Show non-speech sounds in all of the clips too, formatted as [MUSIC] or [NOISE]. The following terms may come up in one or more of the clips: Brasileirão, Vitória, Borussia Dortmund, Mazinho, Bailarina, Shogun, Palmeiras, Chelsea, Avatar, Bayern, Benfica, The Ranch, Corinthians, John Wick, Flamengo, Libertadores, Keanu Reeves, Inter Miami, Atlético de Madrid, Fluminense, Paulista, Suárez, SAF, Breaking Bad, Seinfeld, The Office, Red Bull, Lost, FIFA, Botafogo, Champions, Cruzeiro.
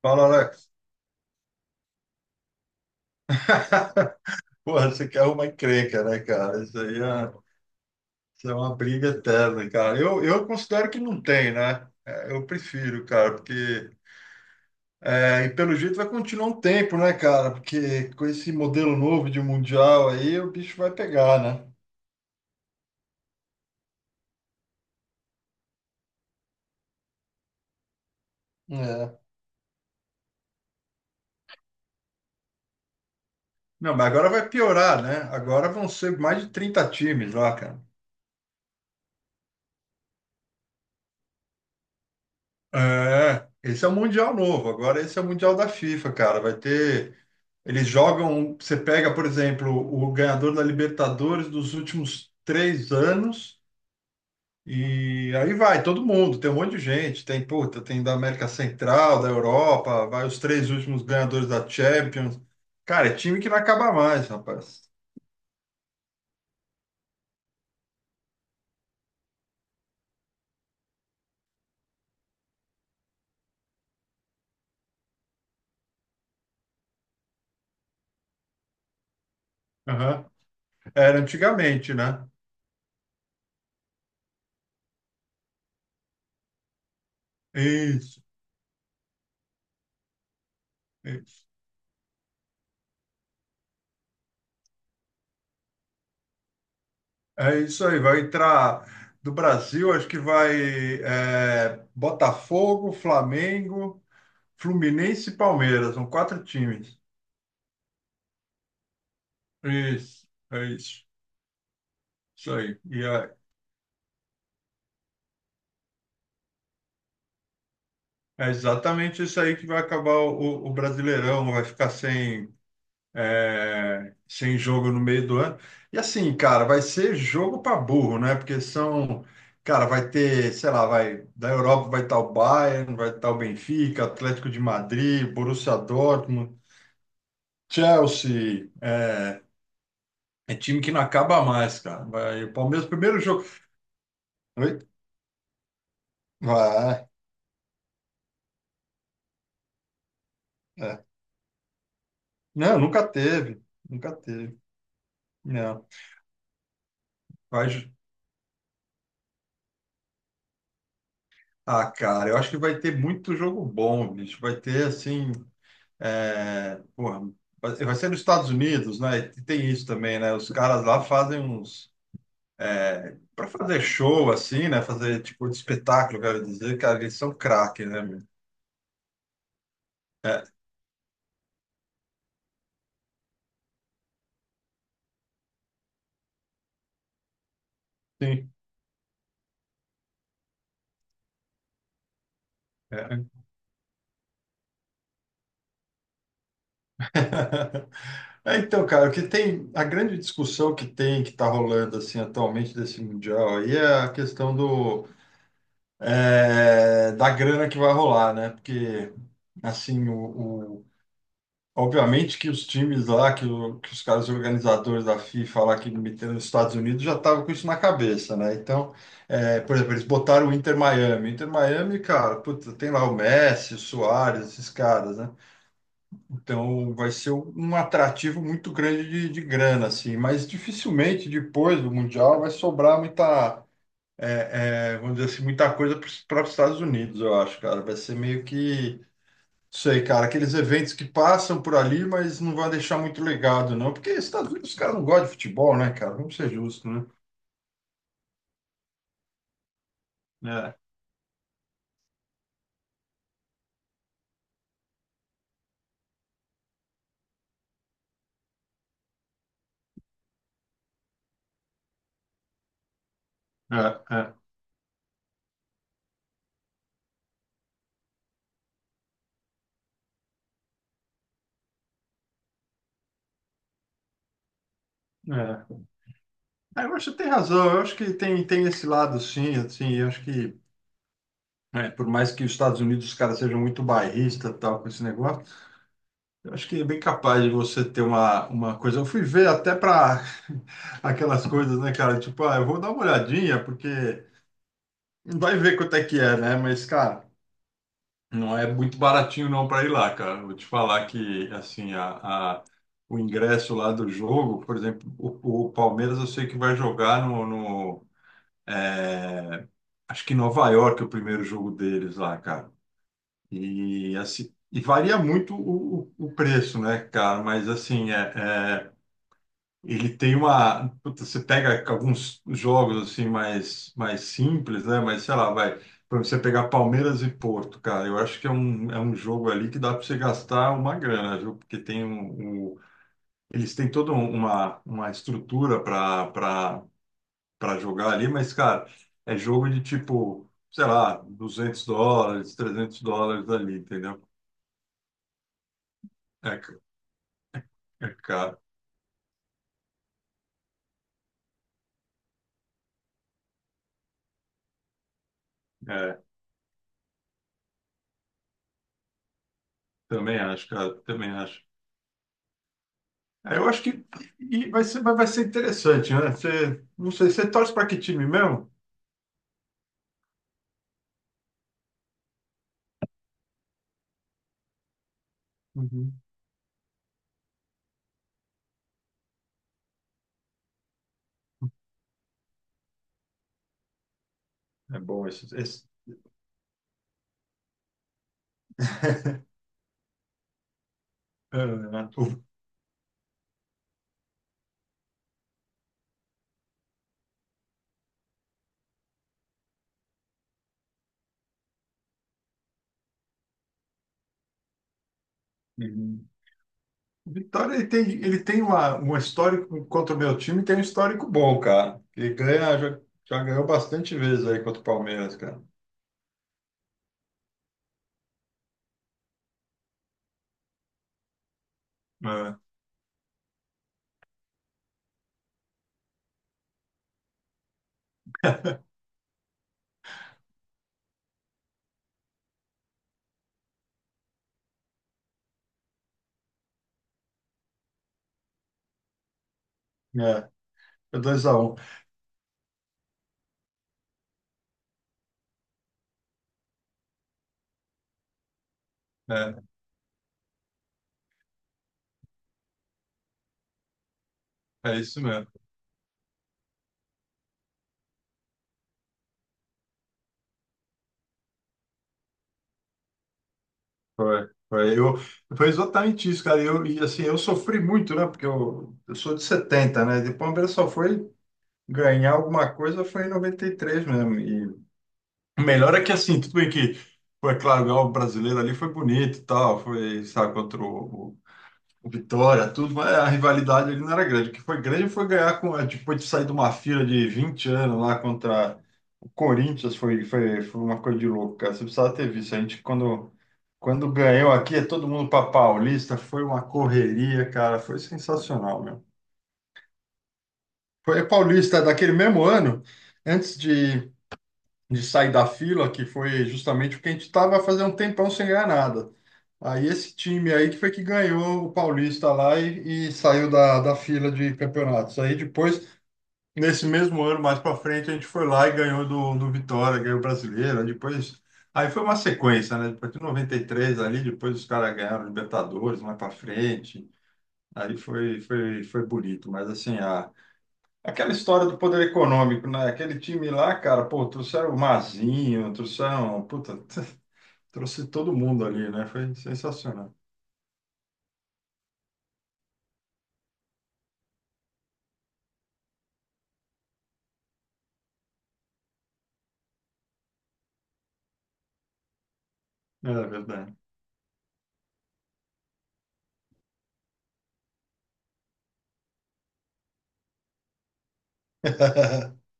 Fala, Alex. [LAUGHS] Porra, você quer uma encrenca, né, cara? Isso é uma briga eterna, cara. Eu considero que não tem, né? Eu prefiro, cara, porque. E pelo jeito vai continuar um tempo, né, cara? Porque com esse modelo novo de mundial aí, o bicho vai pegar, né? É. Não, mas agora vai piorar, né? Agora vão ser mais de 30 times lá, cara. É, esse é o Mundial novo. Agora esse é o Mundial da FIFA, cara. Vai ter. Eles jogam. Você pega, por exemplo, o ganhador da Libertadores dos últimos três anos. E aí vai todo mundo, tem um monte de gente, tem, puta, tem da América Central, da Europa, vai os três últimos ganhadores da Champions. Cara, é time que não acaba mais, rapaz. Aham. Era antigamente, né? Isso. Isso. É isso aí, vai entrar do Brasil, Acho que vai Botafogo, Flamengo, Fluminense e Palmeiras, são quatro times. Isso, é isso, isso aí. É exatamente isso aí que vai acabar o Brasileirão, vai ficar sem sem jogo no meio do ano. E assim, cara, vai ser jogo para burro, né? Porque são, cara, vai ter, sei lá, vai da Europa vai estar o Bayern, vai estar o Benfica, Atlético de Madrid, Borussia Dortmund, Chelsea, é time que não acaba mais, cara. Vai, o Palmeiras primeiro jogo. Oi? Vai. É. Não, nunca teve, nunca teve. Não. Vai, ah, cara, eu acho que vai ter muito jogo bom, bicho. Vai ter assim. É, porra, vai ser nos Estados Unidos, né? E tem isso também, né? Os caras lá fazem uns. É, para fazer show, assim, né? Fazer tipo de espetáculo, quero dizer, cara, eles são craque, né, meu? É, sim. É. [LAUGHS] É, então, cara, o que tem. A grande discussão que tem, que tá rolando, assim, atualmente desse Mundial aí é a questão do. Da grana que vai rolar, né? Porque, assim, obviamente que os times lá, que os caras organizadores da FIFA lá que meteram nos Estados Unidos já estavam com isso na cabeça, né? Então, por exemplo, eles botaram o Inter Miami. Inter Miami, cara, puta, tem lá o Messi, o Suárez, esses caras, né? Então vai ser um atrativo muito grande de grana, assim, mas dificilmente depois do Mundial vai sobrar muita, vamos dizer assim, muita coisa para os Estados Unidos, eu acho, cara. Vai ser meio que sei, cara, aqueles eventos que passam por ali, mas não vai deixar muito legado, não. Porque Estados Unidos, os caras não gostam de futebol, né, cara? Vamos ser justos, né? É, é, é, é. Ah, eu acho que tem razão, eu acho que tem esse lado, sim, assim, eu acho que, por mais que os Estados Unidos, os caras sejam muito bairristas e tal, com esse negócio, eu acho que é bem capaz de você ter uma coisa. Eu fui ver até para [LAUGHS] aquelas coisas, né, cara? Tipo, ah, eu vou dar uma olhadinha, porque vai ver quanto é que é, né? Mas, cara. Não é muito baratinho não para ir lá, cara. Vou te falar que assim o ingresso lá do jogo, por exemplo, o Palmeiras eu sei que vai jogar no, acho que em Nova York é o primeiro jogo deles lá, cara. E assim e varia muito o preço, né, cara? Mas assim é, ele tem uma. Puta, você pega alguns jogos assim mais simples, né? Mas sei lá, vai. Por exemplo, você pegar Palmeiras e Porto, cara, eu acho que é é um jogo ali que dá para você gastar uma grana, viu? Porque tem eles têm toda uma estrutura para para jogar ali, mas, cara, é jogo de tipo, sei lá, US$ 200, US$ 300 ali, entendeu? É, ca- é caro. É, também acho, cara, também acho. É, eu acho que vai ser, vai ser interessante, né? Você, não sei, você torce para que time mesmo? Uhum. É bom esse... [LAUGHS] Ah, o- Uhum. O Vitória ele tem um histórico contra o meu time, tem um histórico bom, cara. Ele ganha, já, já ganhou bastante vezes aí contra o Palmeiras, cara. É, é, é 2x1. É, é isso mesmo. Foi, foi, eu, foi exatamente isso, cara. Eu, e assim, eu sofri muito, né? Porque eu sou de 70, né? E o Palmeiras só foi ganhar alguma coisa foi em 93 mesmo. E o melhor é que, assim, tudo bem que foi, claro, ganhar o brasileiro ali foi bonito e tal, foi, sabe, contra o Vitória, tudo, mas a rivalidade ali não era grande. O que foi grande foi ganhar com, depois de sair de uma fila de 20 anos lá contra o Corinthians, foi uma coisa de louco, cara. Você precisava ter visto. A gente, quando. Quando ganhou aqui, é todo mundo para Paulista, foi uma correria, cara, foi sensacional, mesmo. Foi Paulista daquele mesmo ano, antes de sair da fila, que foi justamente porque a gente estava fazendo um tempão sem ganhar nada. Aí esse time aí que foi que ganhou o Paulista lá e saiu da fila de campeonatos. Aí depois, nesse mesmo ano, mais para frente, a gente foi lá e ganhou do, do Vitória, ganhou o Brasileiro. Aí depois, aí foi uma sequência, né? Depois de 93 ali, depois os caras ganharam Libertadores mais para frente. Aí foi bonito. Mas assim, a, aquela história do poder econômico, né? Aquele time lá, cara, pô, trouxeram o Mazinho, trouxeram, puta, [LAUGHS] trouxe todo mundo ali, né? Foi sensacional. É verdade. [LAUGHS]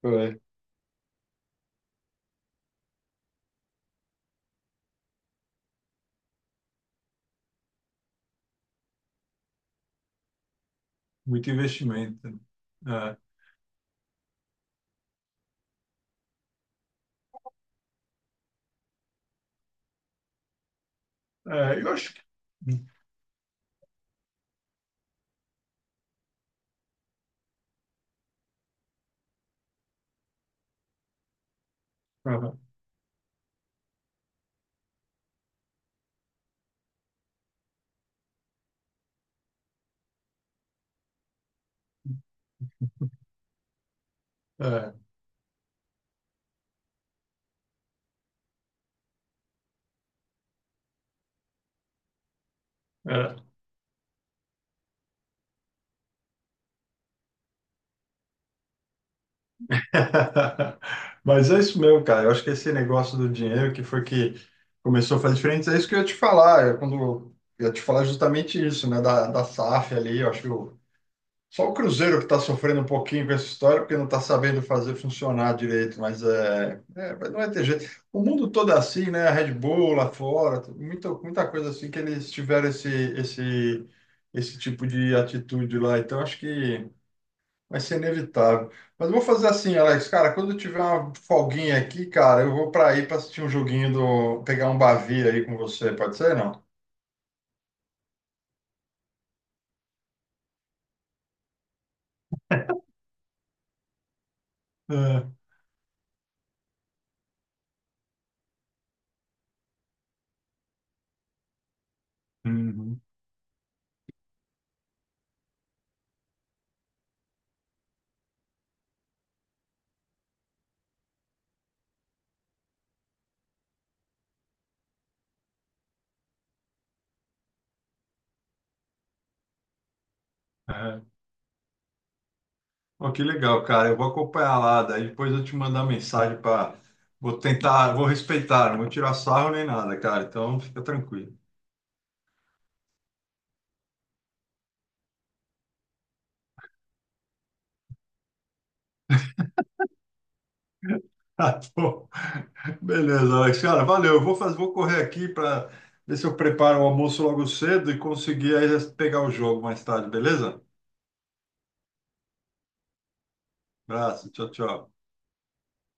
Foi. Muito investimento. É, é, eu acho que. Uhum. É, é. [LAUGHS] Mas é isso mesmo, cara. Eu acho que esse negócio do dinheiro que foi que começou a fazer diferença, é isso que eu ia te falar. Eu, quando, eu ia te falar justamente isso, né? Da SAF ali, eu acho que só o Cruzeiro que está sofrendo um pouquinho com essa história, porque não está sabendo fazer funcionar direito, mas mas não vai ter jeito. O mundo todo é assim, né? A Red Bull lá fora, muita coisa assim que eles tiveram esse tipo de atitude lá. Então, acho que vai ser inevitável. Mas eu vou fazer assim, Alex, cara, quando eu tiver uma folguinha aqui, cara, eu vou para aí para assistir um joguinho do, pegar um bavi aí com você, pode ser, não? É, uhum, é. Ó, que legal, cara. Eu vou acompanhar lá, daí depois eu te mandar mensagem para. Vou tentar, vou respeitar, não vou tirar sarro nem nada, cara. Então fica tranquilo. [LAUGHS] Tá bom. Beleza, Alex. Cara, valeu. Eu vou fazer, vou correr aqui para ver se eu preparo o almoço logo cedo e conseguir aí pegar o jogo mais tarde, beleza? Abraço, tchau, tchau.